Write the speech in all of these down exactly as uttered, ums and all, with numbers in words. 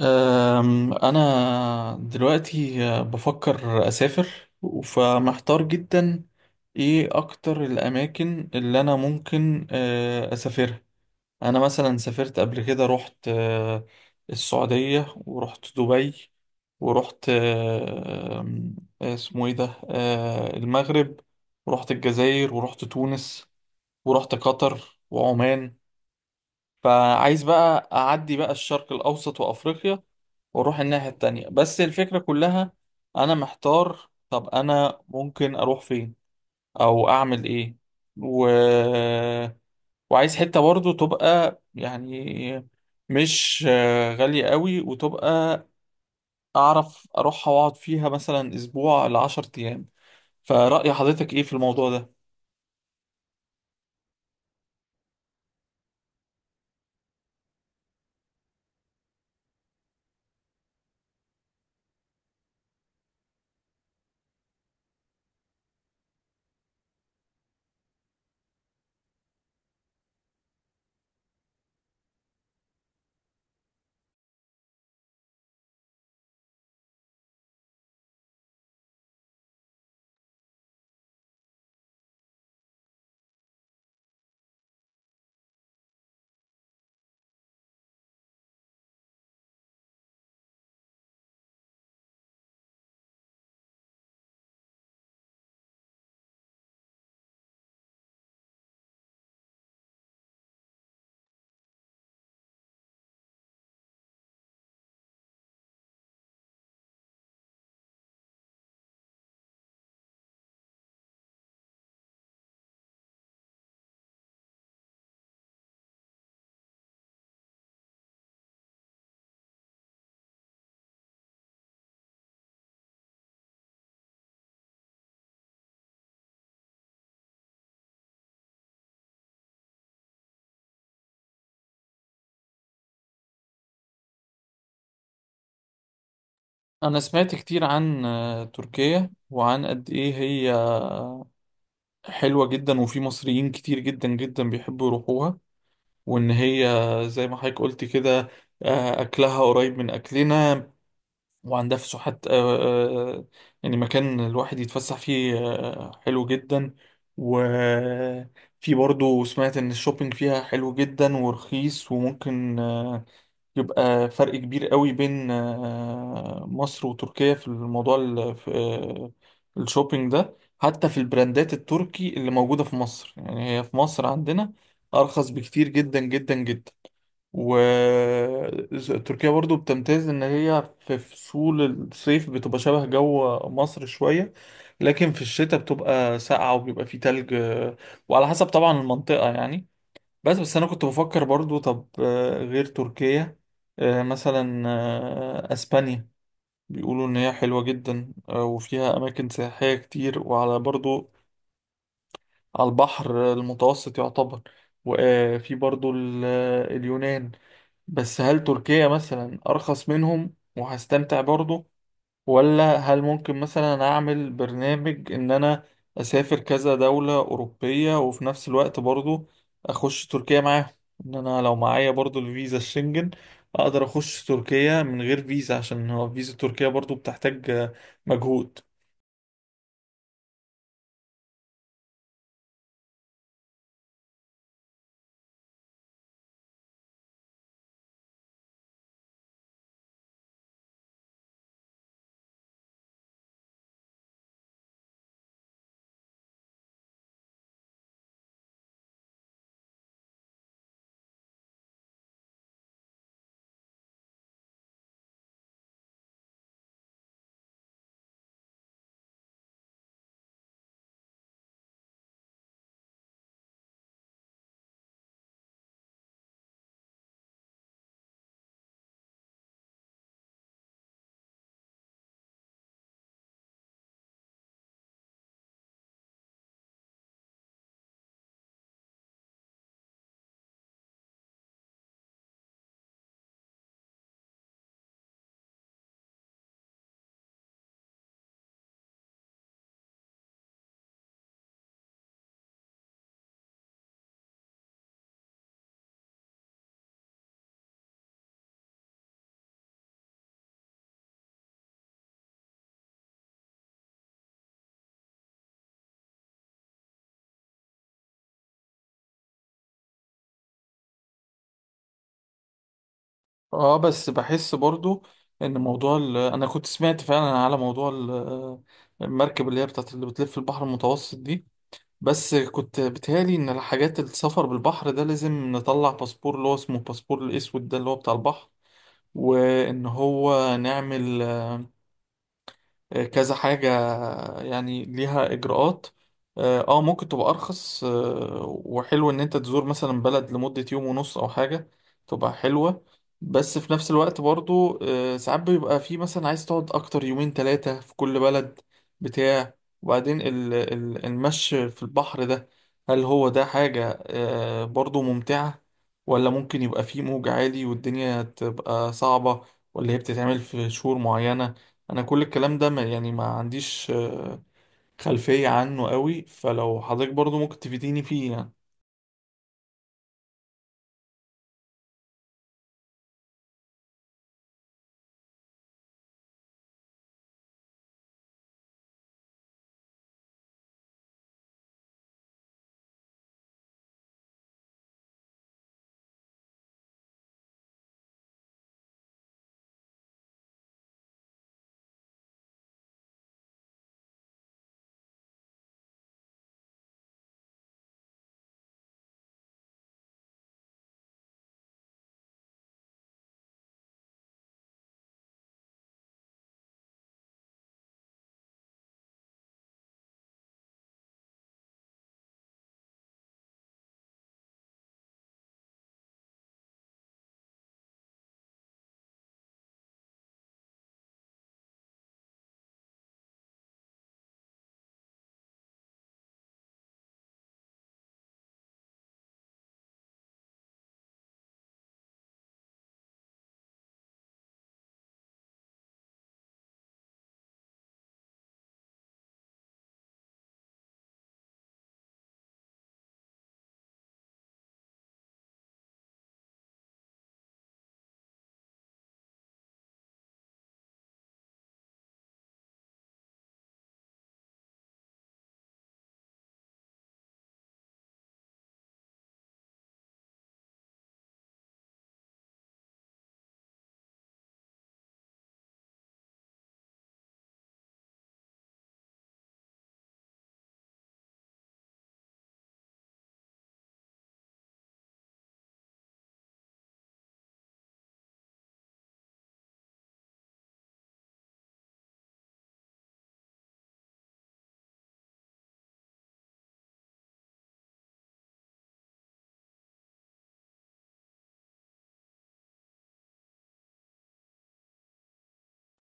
أم، أنا دلوقتي أه، بفكر أسافر، فمحتار جدا. إيه أكتر الأماكن اللي أنا ممكن أه، أسافرها؟ أنا مثلا سافرت قبل كده، رحت أه، السعودية، ورحت دبي، ورحت أه، أم، اسمه إيه ده، أه، المغرب، ورحت الجزائر، ورحت تونس، ورحت قطر وعمان. فعايز بقى أعدي بقى الشرق الأوسط وأفريقيا وأروح الناحية التانية. بس الفكرة كلها أنا محتار، طب أنا ممكن أروح فين أو أعمل إيه؟ و... وعايز حتة برضو تبقى يعني مش آه، غالية قوي، وتبقى أعرف أروحها وأقعد فيها مثلا أسبوع لعشر أيام. فرأي حضرتك إيه في الموضوع ده؟ أنا سمعت كتير عن آه، تركيا، وعن قد إيه هي حلوة جدا، وفي مصريين كتير جدا جدا بيحبوا يروحوها. وإن هي زي ما حضرتك قلت كده، آه، أكلها قريب من أكلنا، وعندها فسحات آه، آه، يعني مكان الواحد يتفسح فيه آه، حلو جدا. وفي برضو سمعت إن الشوبينج فيها حلو جدا ورخيص، وممكن آه، يبقى فرق كبير قوي بين آه، مصر وتركيا في الموضوع ال- في، آه، الشوبينج ده. حتى في البراندات التركي اللي موجودة في مصر، يعني هي في مصر عندنا أرخص بكتير جدا جدا جدا. وتركيا برضو بتمتاز إن هي في فصول، الصيف بتبقى شبه جو مصر شوية، لكن في الشتاء بتبقى ساقعة وبيبقى فيه تلج آه، وعلى حسب طبعا المنطقة يعني. بس بس انا كنت بفكر برضو طب آه، غير تركيا، آه، مثلا آه، اسبانيا، بيقولوا ان هي حلوة جدا آه، وفيها اماكن سياحية كتير، وعلى برضو على البحر المتوسط يعتبر. وفي برضو ال- آه، اليونان. بس هل تركيا مثلا ارخص منهم وهستمتع برضو؟ ولا هل ممكن مثلا اعمل برنامج ان انا اسافر كذا دولة اوروبية، وفي نفس الوقت برضو اخش تركيا معاهم؟ ان انا لو معايا برضو الفيزا الشنجن، اقدر اخش تركيا من غير فيزا، عشان هو فيزا تركيا برضو بتحتاج آه، مجهود. اه بس بحس برضو ان موضوع ال... انا كنت سمعت فعلا على موضوع ال- آه، المركب اللي هي بتاعت اللي بتلف البحر المتوسط دي. بس كنت بتهيألي إن الحاجات السفر بالبحر ده لازم نطلع باسبور اللي هو اسمه الباسبور الأسود ده اللي هو بتاع البحر، وإن هو نعمل كذا حاجة، يعني ليها إجراءات. اه آه، ممكن تبقى أرخص، آه، وحلو إن أنت تزور مثلا بلد لمدة يوم ونص أو حاجة، تبقى حلوة. بس في نفس الوقت برضو آه، ساعات بيبقى في مثلا عايز تقعد أكتر، يومين تلاتة في كل بلد بتاع. وبعدين ال- ال- المشي في البحر ده، هل هو ده حاجة آه، برضو ممتعة؟ ولا ممكن يبقى فيه موج عالي والدنيا تبقى صعبة؟ ولا هي بتتعمل في شهور معينة؟ انا كل الكلام ده ما يعني ما عنديش آه، خلفية عنه قوي، فلو حضرتك برضو ممكن تفيديني فيه يعني.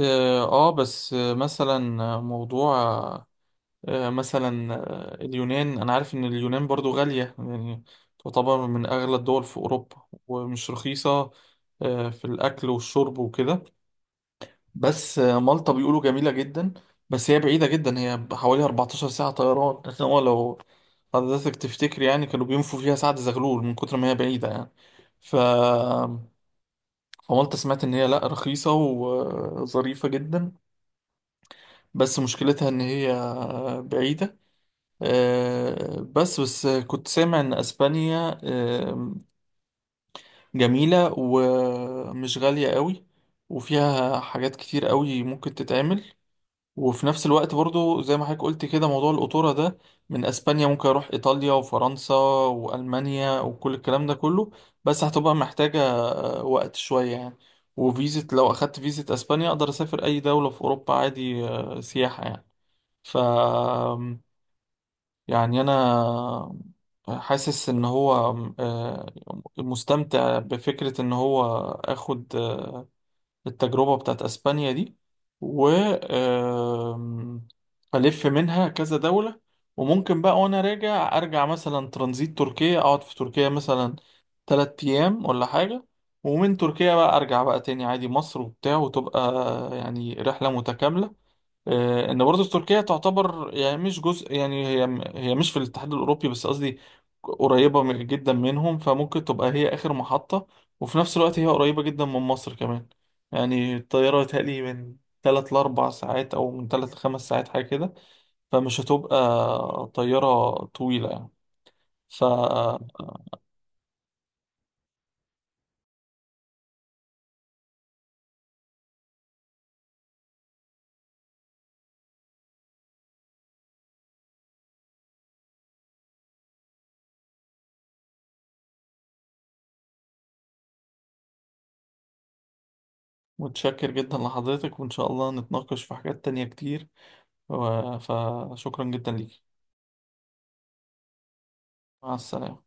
اه آه، بس آه، مثلا آه، موضوع آه، مثلا آه، اليونان، انا عارف ان اليونان برضو غالية يعني، تعتبر من اغلى الدول في اوروبا ومش رخيصة آه، في الاكل والشرب وكده. بس آه، مالطا بيقولوا جميلة جدا، بس هي بعيدة جدا، هي حوالي أربعتاشر ساعة طيران عشان هو لو حضرتك تفتكر يعني كانوا بينفوا فيها سعد زغلول من كتر ما هي بعيدة يعني. ف... فمالطا سمعت إن هي لأ، رخيصة وظريفة جدا، بس مشكلتها إن هي بعيدة. آه، بس بس كنت سامع إن أسبانيا آه، جميلة ومش غالية قوي، وفيها حاجات كتير قوي ممكن تتعمل. وفي نفس الوقت برضو زي ما حضرتك قلت كده موضوع القطورة ده، من اسبانيا ممكن اروح ايطاليا وفرنسا والمانيا وكل الكلام ده كله. بس هتبقى محتاجة آه، وقت شوية يعني. وفيزة، لو اخدت فيزة اسبانيا اقدر اسافر اي دولة في اوروبا عادي آه، سياحة يعني. ف يعني انا حاسس ان هو آه، مستمتع بفكرة ان هو اخد آه، التجربة بتاعت اسبانيا دي. و آم، الف منها كذا دولة، وممكن بقى وانا راجع ارجع مثلا ترانزيت تركيا، اقعد في تركيا مثلا تلات ايام ولا حاجة. ومن تركيا بقى ارجع بقى تاني عادي مصر وبتاع، وتبقى يعني رحلة متكاملة. آه، ان برضه تركيا تعتبر، يعني مش جزء، يعني هي هي مش في الاتحاد الاوروبي بس قصدي قريبه من- جدا منهم، فممكن تبقى هي اخر محطه. وفي نفس الوقت هي قريبه جدا من مصر كمان، يعني الطياره يتهيألي من ثلاثة ل أربعة ساعات او من ثلاثة ل خمسة ساعات حاجه كده، فمش هتبقى طياره طويله يعني. ف متشكر جدا لحضرتك، وان شاء الله نتناقش في حاجات تانية كتير، و- فشكرا جدا ليك، مع السلامه.